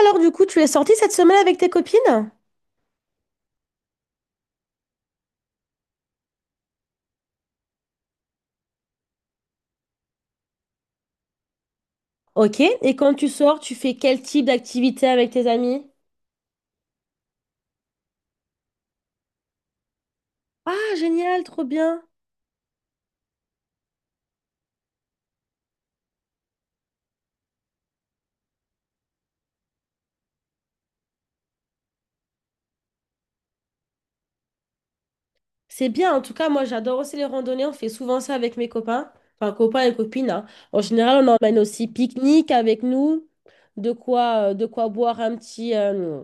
Alors du coup, tu es sortie cette semaine avec tes copines? Ok. Et quand tu sors, tu fais quel type d'activité avec tes amis? Ah, génial, trop bien. C'est bien, en tout cas, moi j'adore aussi les randonnées, on fait souvent ça avec mes copains, enfin copains et copines, hein. En général, on emmène aussi pique-nique avec nous, de quoi boire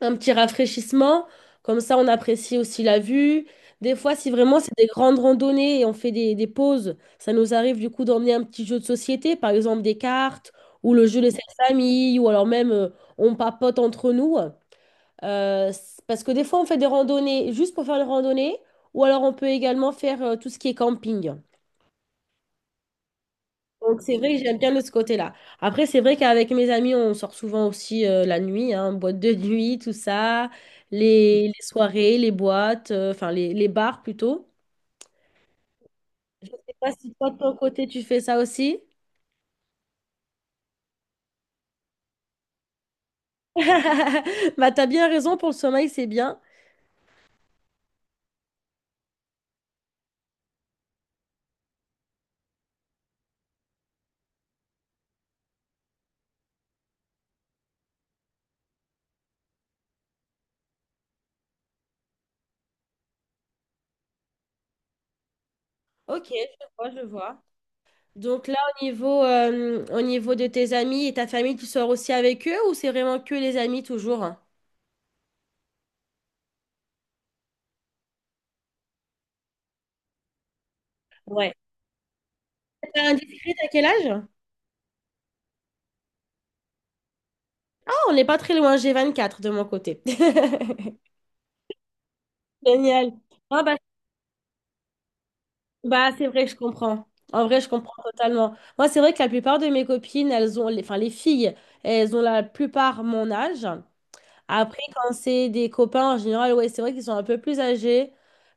un petit rafraîchissement. Comme ça, on apprécie aussi la vue. Des fois, si vraiment c'est des grandes randonnées et on fait des pauses, ça nous arrive du coup d'emmener un petit jeu de société, par exemple des cartes ou le jeu des sept familles, ou alors même on papote entre nous. Parce que des fois, on fait des randonnées juste pour faire une randonnée, ou alors on peut également faire tout ce qui est camping. Donc c'est vrai que j'aime bien de ce côté-là. Après, c'est vrai qu'avec mes amis, on sort souvent aussi la nuit, hein, boîte de nuit, tout ça, les soirées, les boîtes, enfin les bars plutôt. Je sais pas si toi de ton côté tu fais ça aussi. Bah t'as bien raison pour le sommeil, c'est bien. Ok, je vois, je vois. Donc là, au niveau de tes amis et ta famille, tu sors aussi avec eux ou c'est vraiment que les amis toujours? Ouais. T'as indiscret, à quel âge? Ah, on n'est pas très loin, j'ai 24 de mon côté. Génial. Ah bah, Bah, c'est vrai je comprends. En vrai, je comprends totalement. Moi, c'est vrai que la plupart de mes copines, elles ont, enfin, les filles, elles ont la plupart mon âge. Après, quand c'est des copains, en général, ouais, c'est vrai qu'ils sont un peu plus âgés.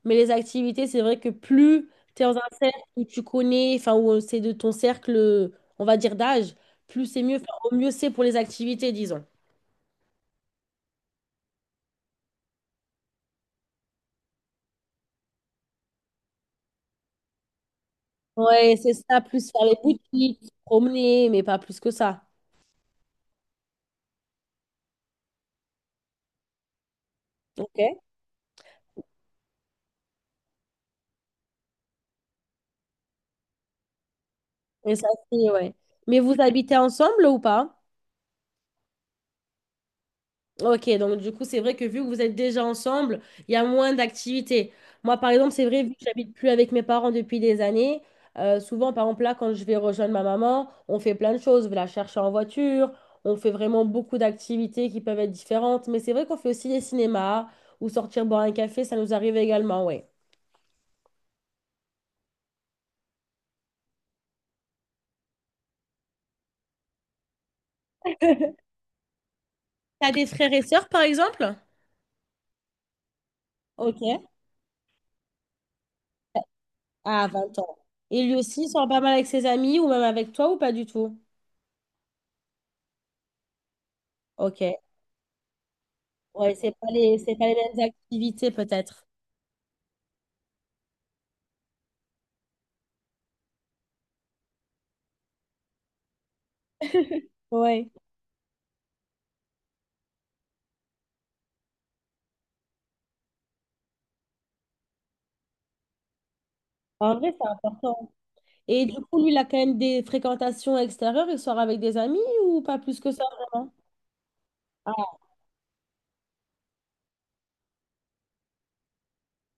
Mais les activités, c'est vrai que plus tu es dans un cercle où tu connais, enfin, où c'est de ton cercle, on va dire, d'âge, plus c'est mieux, enfin, au mieux c'est pour les activités, disons. Ouais, c'est ça, plus faire les boutiques, promener, mais pas plus que ça. Ok. Et ça, c'est, ouais. Mais vous habitez ensemble ou pas? Ok, donc du coup, c'est vrai que vu que vous êtes déjà ensemble, il y a moins d'activités. Moi, par exemple, c'est vrai, vu que j'habite plus avec mes parents depuis des années, souvent, par exemple, là, quand je vais rejoindre ma maman, on fait plein de choses. Je vais la chercher en voiture, on fait vraiment beaucoup d'activités qui peuvent être différentes. Mais c'est vrai qu'on fait aussi des cinémas ou sortir boire un café, ça nous arrive également, ouais. T'as des frères et sœurs, par exemple? Ok, à 20 ans. Et lui aussi, il sort pas mal avec ses amis ou même avec toi ou pas du tout? Ok. Ouais, c'est pas les mêmes activités peut-être. Ouais. En vrai, c'est important. Et du coup, lui, il a quand même des fréquentations extérieures. Il sort avec des amis ou pas plus que ça, vraiment? Ah,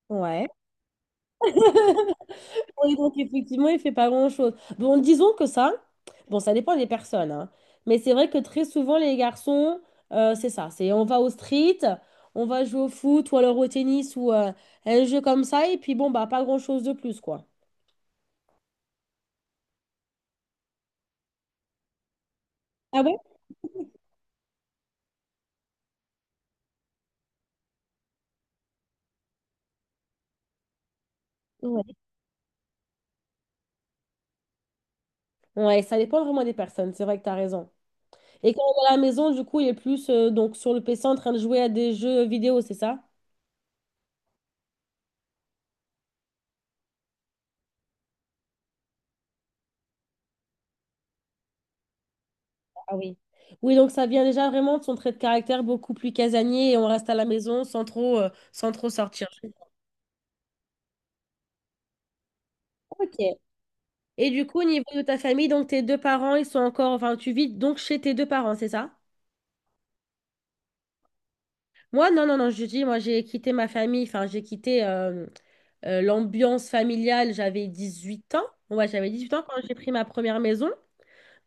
ouais. Oui, donc effectivement, il fait pas grand-chose. Bon, disons que ça, bon, ça dépend des personnes, hein. Mais c'est vrai que très souvent, les garçons, c'est ça, c'est on va au street, on va jouer au foot ou alors au tennis ou un jeu comme ça, et puis bon, bah, pas grand-chose de plus, quoi. Ah ouais? Ouais, ça dépend vraiment des personnes, c'est vrai que tu as raison. Et quand on est à la maison, du coup, il est plus donc sur le PC en train de jouer à des jeux vidéo, c'est ça? Ah oui. Oui, donc ça vient déjà vraiment de son trait de caractère beaucoup plus casanier et on reste à la maison sans trop, sans trop sortir. Ok. Et du coup, au niveau de ta famille, donc tes deux parents, ils sont encore, enfin, tu vis donc chez tes deux parents, c'est ça? Moi, non, non, non, je dis, moi, j'ai quitté ma famille, enfin, j'ai quitté l'ambiance familiale, j'avais 18 ans. Ouais, j'avais 18 ans quand j'ai pris ma première maison.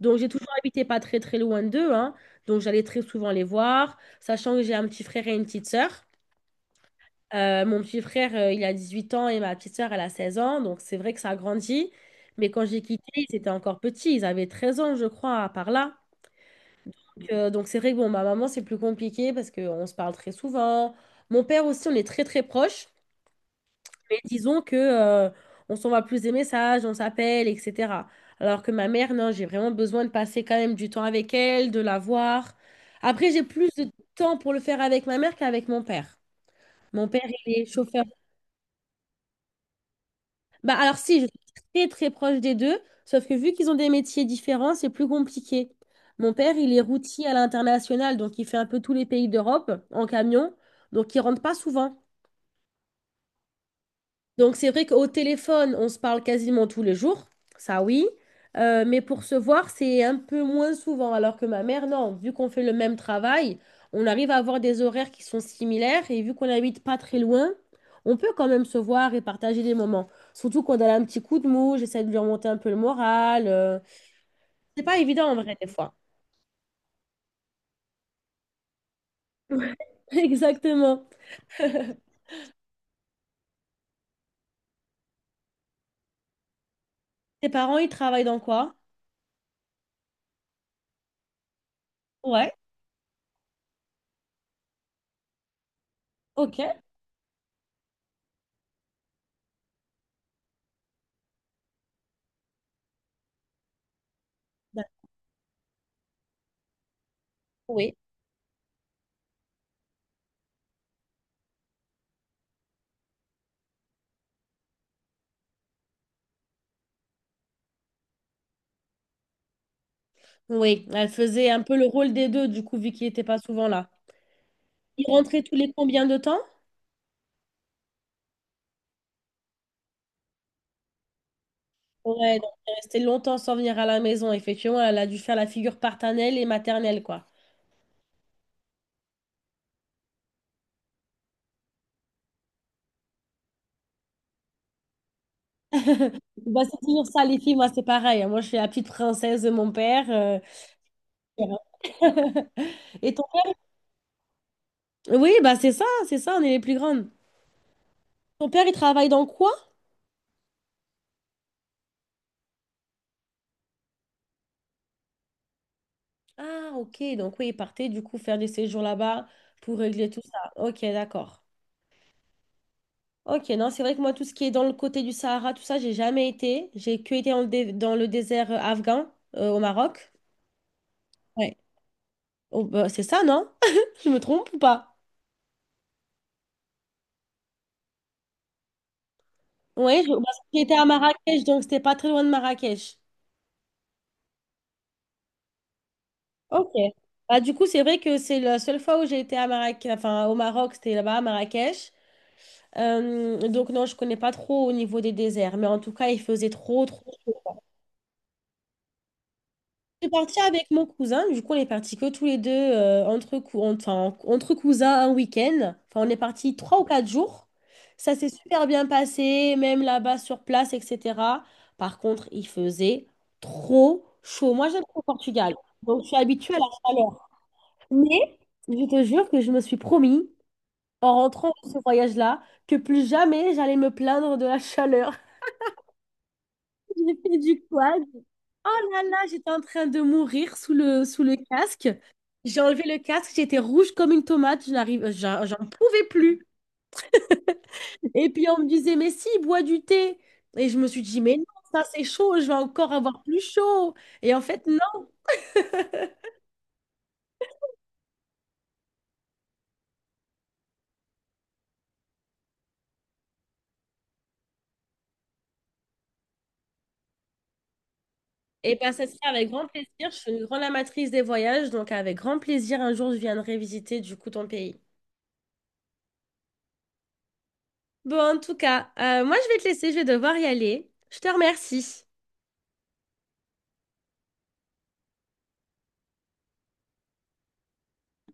Donc, j'ai toujours habité pas très très loin d'eux, hein. Donc, j'allais très souvent les voir, sachant que j'ai un petit frère et une petite sœur. Mon petit frère, il a 18 ans et ma petite sœur, elle a 16 ans. Donc, c'est vrai que ça a grandi. Mais quand j'ai quitté, ils étaient encore petits. Ils avaient 13 ans, je crois, par là. Donc, c'est vrai que bon, ma maman, c'est plus compliqué parce qu'on se parle très souvent. Mon père aussi, on est très très proches. Mais disons que on s'envoie plus des messages, on s'appelle, etc. Alors que ma mère, non, j'ai vraiment besoin de passer quand même du temps avec elle, de la voir. Après, j'ai plus de temps pour le faire avec ma mère qu'avec mon père. Mon père, il est chauffeur. Bah alors si, je suis très très proche des deux, sauf que vu qu'ils ont des métiers différents, c'est plus compliqué. Mon père, il est routier à l'international, donc il fait un peu tous les pays d'Europe en camion, donc il rentre pas souvent. Donc c'est vrai qu'au téléphone, on se parle quasiment tous les jours, ça oui. Mais pour se voir, c'est un peu moins souvent, alors que ma mère, non, vu qu'on fait le même travail, on arrive à avoir des horaires qui sont similaires, et vu qu'on n'habite pas très loin, on peut quand même se voir et partager des moments. Surtout quand elle a un petit coup de mou, j'essaie de lui remonter un peu le moral. C'est pas évident en vrai des fois. Exactement. Tes parents, ils travaillent dans quoi? Ouais. Ok. D'accord. Oui. Oui, elle faisait un peu le rôle des deux, du coup, vu qu'il n'était pas souvent là. Il rentrait tous les combien de temps? Ouais, donc elle restait longtemps sans venir à la maison. Effectivement, elle a dû faire la figure paternelle et maternelle, quoi. Bah, c'est toujours ça, les filles, moi, c'est pareil. Moi, je suis la petite princesse de mon père, voilà. Et ton père? Oui, bah, c'est ça, on est les plus grandes. Ton père, il travaille dans quoi? Ah, ok, donc oui, il partait du coup faire des séjours là-bas pour régler tout ça. Ok, d'accord. Ok, non, c'est vrai que moi, tout ce qui est dans le côté du Sahara, tout ça, j'ai jamais été. J'ai que été dans dans le désert afghan, au Maroc. Ouais. Oh, bah, c'est ça, non? Je me trompe ou pas? Oui, parce que j'étais à Marrakech, donc c'était pas très loin de Marrakech. Ok. Bah, du coup, c'est vrai que c'est la seule fois où j'ai été à Marrakech, enfin au Maroc, c'était là-bas à Marrakech. Donc non, je connais pas trop au niveau des déserts, mais en tout cas, il faisait trop suis partie avec mon cousin, du coup on est partis que tous les deux enfin, entre cousins un week-end. Enfin, on est partis 3 ou 4 jours. Ça s'est super bien passé, même là-bas sur place, etc. Par contre, il faisait trop chaud. Moi, j'aime trop le Portugal, donc je suis habituée à la chaleur. Mais je te jure que je me suis promis, en rentrant de ce voyage-là, que plus jamais j'allais me plaindre de la chaleur. J'ai fait du quad. Oh là là, j'étais en train de mourir sous sous le casque. J'ai enlevé le casque, j'étais rouge comme une tomate, je n'arrive, j'en pouvais plus. Et puis on me disait, mais si, bois du thé. Et je me suis dit, mais non, ça c'est chaud, je vais encore avoir plus chaud. Et en fait, non. Et bien, ça serait avec grand plaisir. Je suis une grande amatrice des voyages, donc avec grand plaisir, un jour, je viendrai visiter du coup ton pays. Bon, en tout cas, moi, je vais te laisser, je vais devoir y aller. Je te remercie.